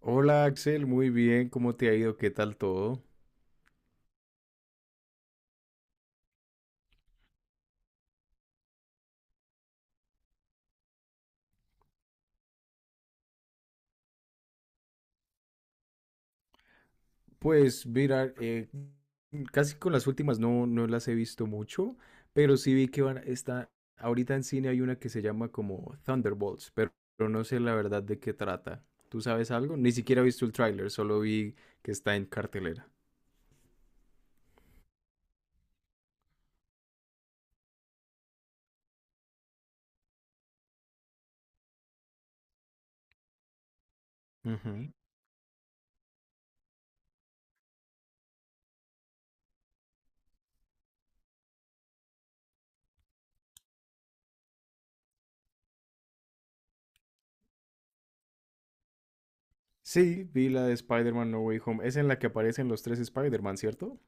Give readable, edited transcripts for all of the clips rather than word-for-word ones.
Hola Axel, muy bien, ¿cómo te ha ido? ¿Qué tal todo? Pues mira, casi con las últimas no, no las he visto mucho, pero sí vi que van, está, ahorita en cine hay una que se llama como Thunderbolts, pero no sé la verdad de qué trata. ¿Tú sabes algo? Ni siquiera he visto el tráiler, solo vi que está en cartelera. Ujú. Sí, vi la de Spider-Man No Way Home. Es en la que aparecen los tres Spider-Man, ¿cierto?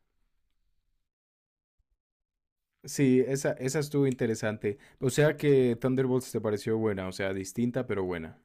Sí, esa estuvo interesante. O sea que Thunderbolts te pareció buena, o sea, distinta pero buena.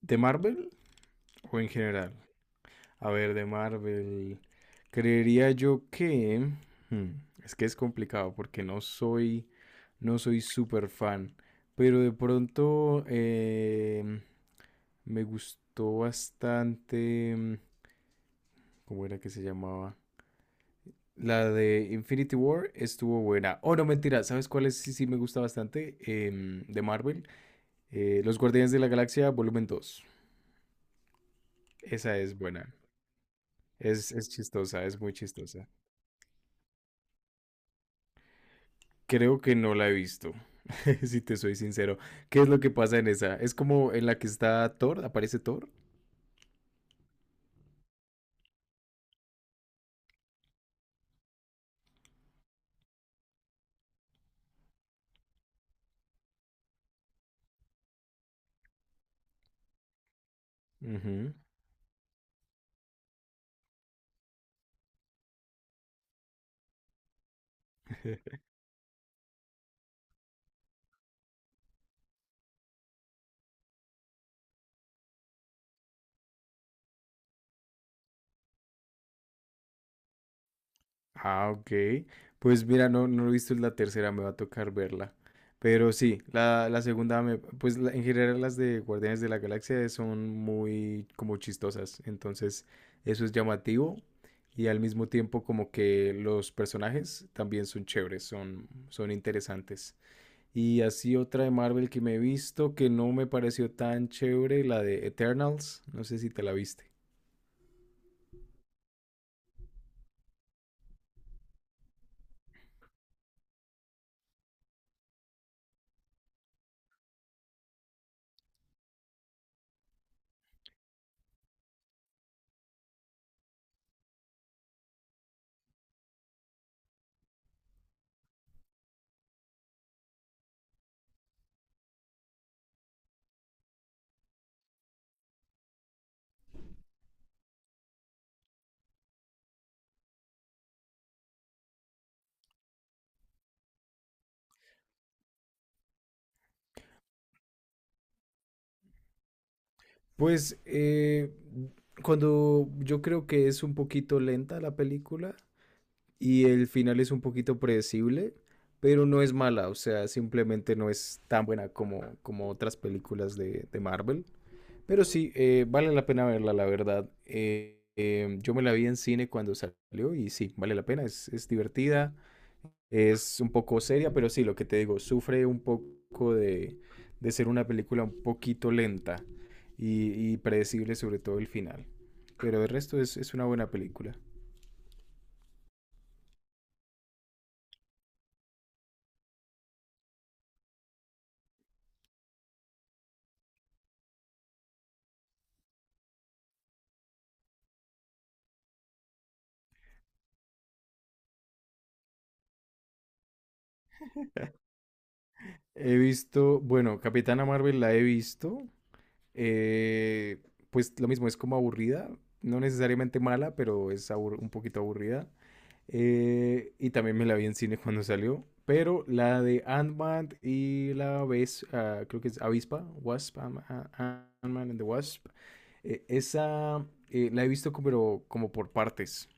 ¿De Marvel o en general? A ver, de Marvel. Creería yo que... hmm, Es que es complicado porque no soy... No soy súper fan. Pero de pronto me gustó bastante... ¿Cómo era que se llamaba? La de Infinity War estuvo buena. Oh, no, mentira. ¿Sabes cuál es? Sí, sí, me gusta bastante. De Marvel. Los Guardianes de la Galaxia, volumen dos. Esa es buena. Es chistosa, es muy chistosa. Creo que no la he visto, si te soy sincero. ¿Qué es lo que pasa en esa? ¿Es como en la que está Thor? ¿Aparece Thor? Ujú. Ah, ok. Pues mira, no, no he visto la tercera, me va a tocar verla. Pero sí, la segunda, en general las de Guardianes de la Galaxia son muy como chistosas. Entonces, eso es llamativo. Y al mismo tiempo como que los personajes también son chéveres, son interesantes. Y así otra de Marvel que me he visto que no me pareció tan chévere, la de Eternals. No sé si te la viste. Pues cuando yo creo que es un poquito lenta la película y el final es un poquito predecible, pero no es mala, o sea, simplemente no es tan buena como otras películas de Marvel. Pero sí, vale la pena verla, la verdad. Yo me la vi en cine cuando salió y sí, vale la pena, es divertida, es un poco seria, pero sí, lo que te digo, sufre un poco de ser una película un poquito lenta y predecible, sobre todo el final. Pero el resto es una buena película. He visto, bueno, Capitana Marvel la he visto. eh, pues lo mismo, es como aburrida. No necesariamente mala, pero es un poquito aburrida. Y también me la vi en cine cuando salió. Pero la de Ant-Man y la vez, creo que es Avispa, Wasp, Ant-Man and the Wasp. Esa la he visto pero como por partes.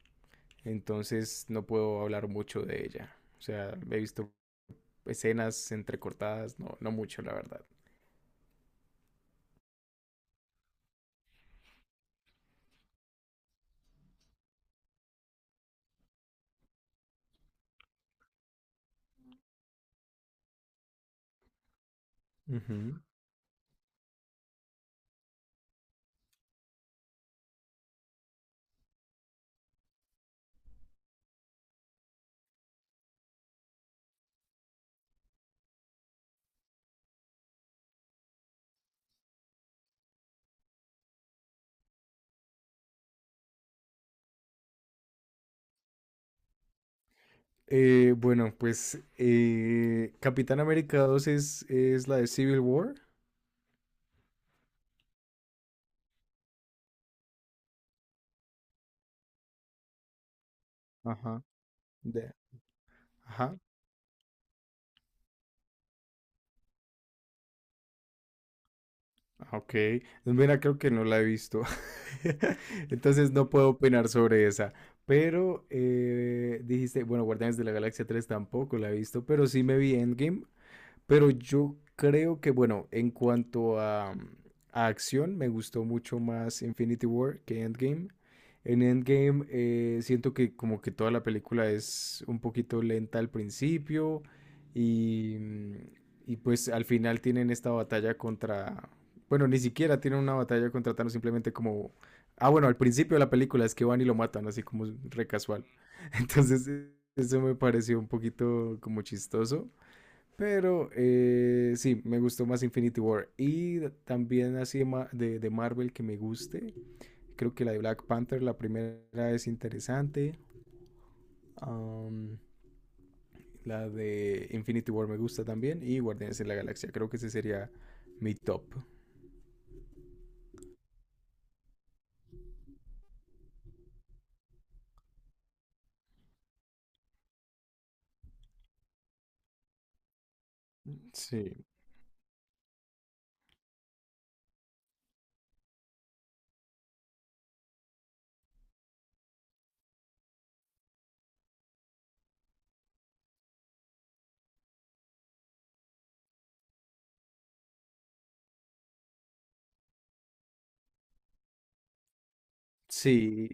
Entonces no puedo hablar mucho de ella. O sea, he visto escenas entrecortadas, no, no mucho, la verdad. Ujú. Bueno, pues Capitán América 2 es la de Civil War. Ajá. de- ajá. Ah, Ok, mira, creo que no la he visto, entonces no puedo opinar sobre esa, pero dijiste, bueno, Guardianes de la Galaxia 3 tampoco la he visto, pero sí me vi Endgame, pero yo creo que, bueno, en cuanto a acción, me gustó mucho más Infinity War que Endgame. En Endgame siento que como que toda la película es un poquito lenta al principio y, y pues al final tienen esta batalla contra... Bueno, ni siquiera tienen una batalla contra Thanos, simplemente como... Ah, bueno, al principio de la película es que van y lo matan, así como re casual. Entonces, eso me pareció un poquito como chistoso. Pero sí, me gustó más Infinity War. Y también así de Marvel que me guste. Creo que la de Black Panther, la primera es interesante. Am, la de Infinity War me gusta también. Y Guardianes de la Galaxia, creo que ese sería mi top. Sí. Sí,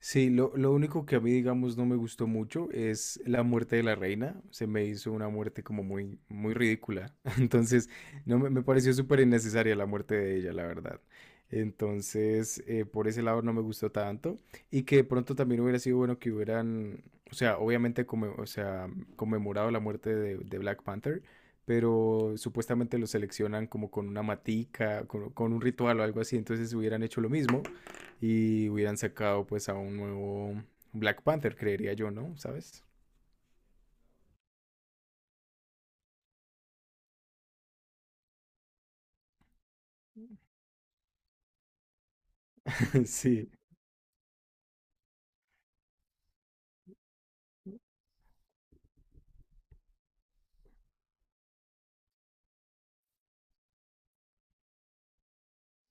sí, lo único que a mí, digamos, no me gustó mucho es la muerte de la reina. Se me hizo una muerte como muy, muy ridícula. Entonces, no me, me pareció súper innecesaria la muerte de ella, la verdad. Entonces, por ese lado no me gustó tanto. Y que de pronto también hubiera sido bueno que hubieran, o sea, obviamente, o sea, conmemorado la muerte de Black Panther. Pero supuestamente lo seleccionan como con una matica, con un ritual o algo así. Entonces hubieran hecho lo mismo y hubieran sacado pues a un nuevo Black Panther, creería yo, ¿no? ¿Sabes? Sí.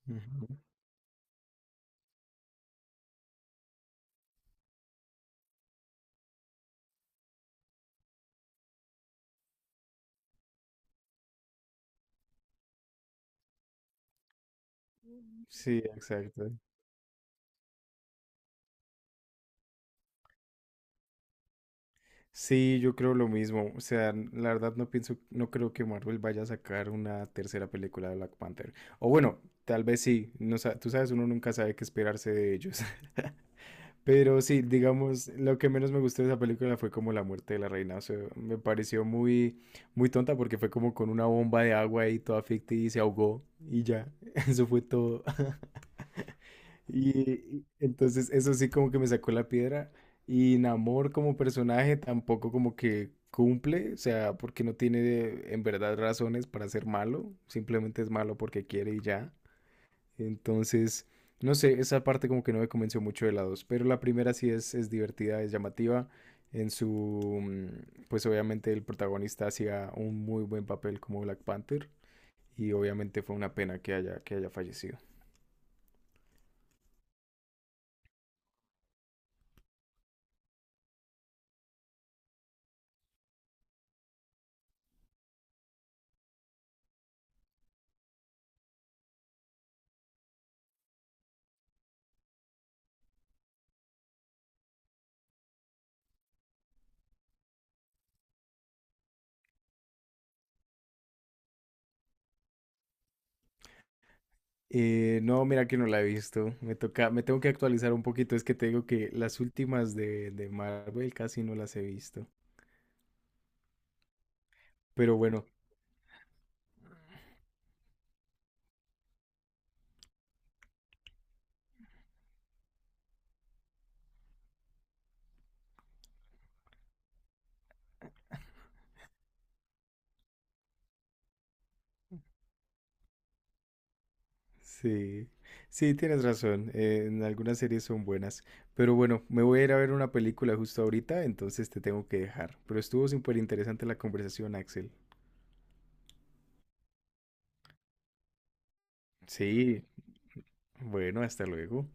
Ujú. Sí, exacto. Sí, yo creo lo mismo. O sea, la verdad no pienso, no creo que Marvel vaya a sacar una tercera película de Black Panther. O bueno, tal vez sí. No, tú sabes, uno nunca sabe qué esperarse de ellos. Pero sí, digamos, lo que menos me gustó de esa película fue como la muerte de la reina. O sea, me pareció muy, muy tonta porque fue como con una bomba de agua y toda ficticia y se ahogó y ya. Eso fue todo. Y entonces eso sí como que me sacó la piedra. Y Namor como personaje tampoco como que cumple, o sea, porque no tiene en verdad razones para ser malo. Simplemente es malo porque quiere y ya. Entonces, no sé, esa parte como que no me convenció mucho de la 2, pero la primera sí es divertida, es llamativa. En su, pues obviamente el protagonista hacía un muy buen papel como Black Panther y obviamente fue una pena que haya fallecido. No, mira que no la he visto. Me tengo que actualizar un poquito. Es que te digo que las últimas de Marvel casi no las he visto. Pero bueno, sí, sí, tienes razón. En algunas series son buenas. Pero bueno, me voy a ir a ver una película justo ahorita, entonces te tengo que dejar. Pero estuvo súper interesante la conversación, Axel. Sí, bueno, hasta luego.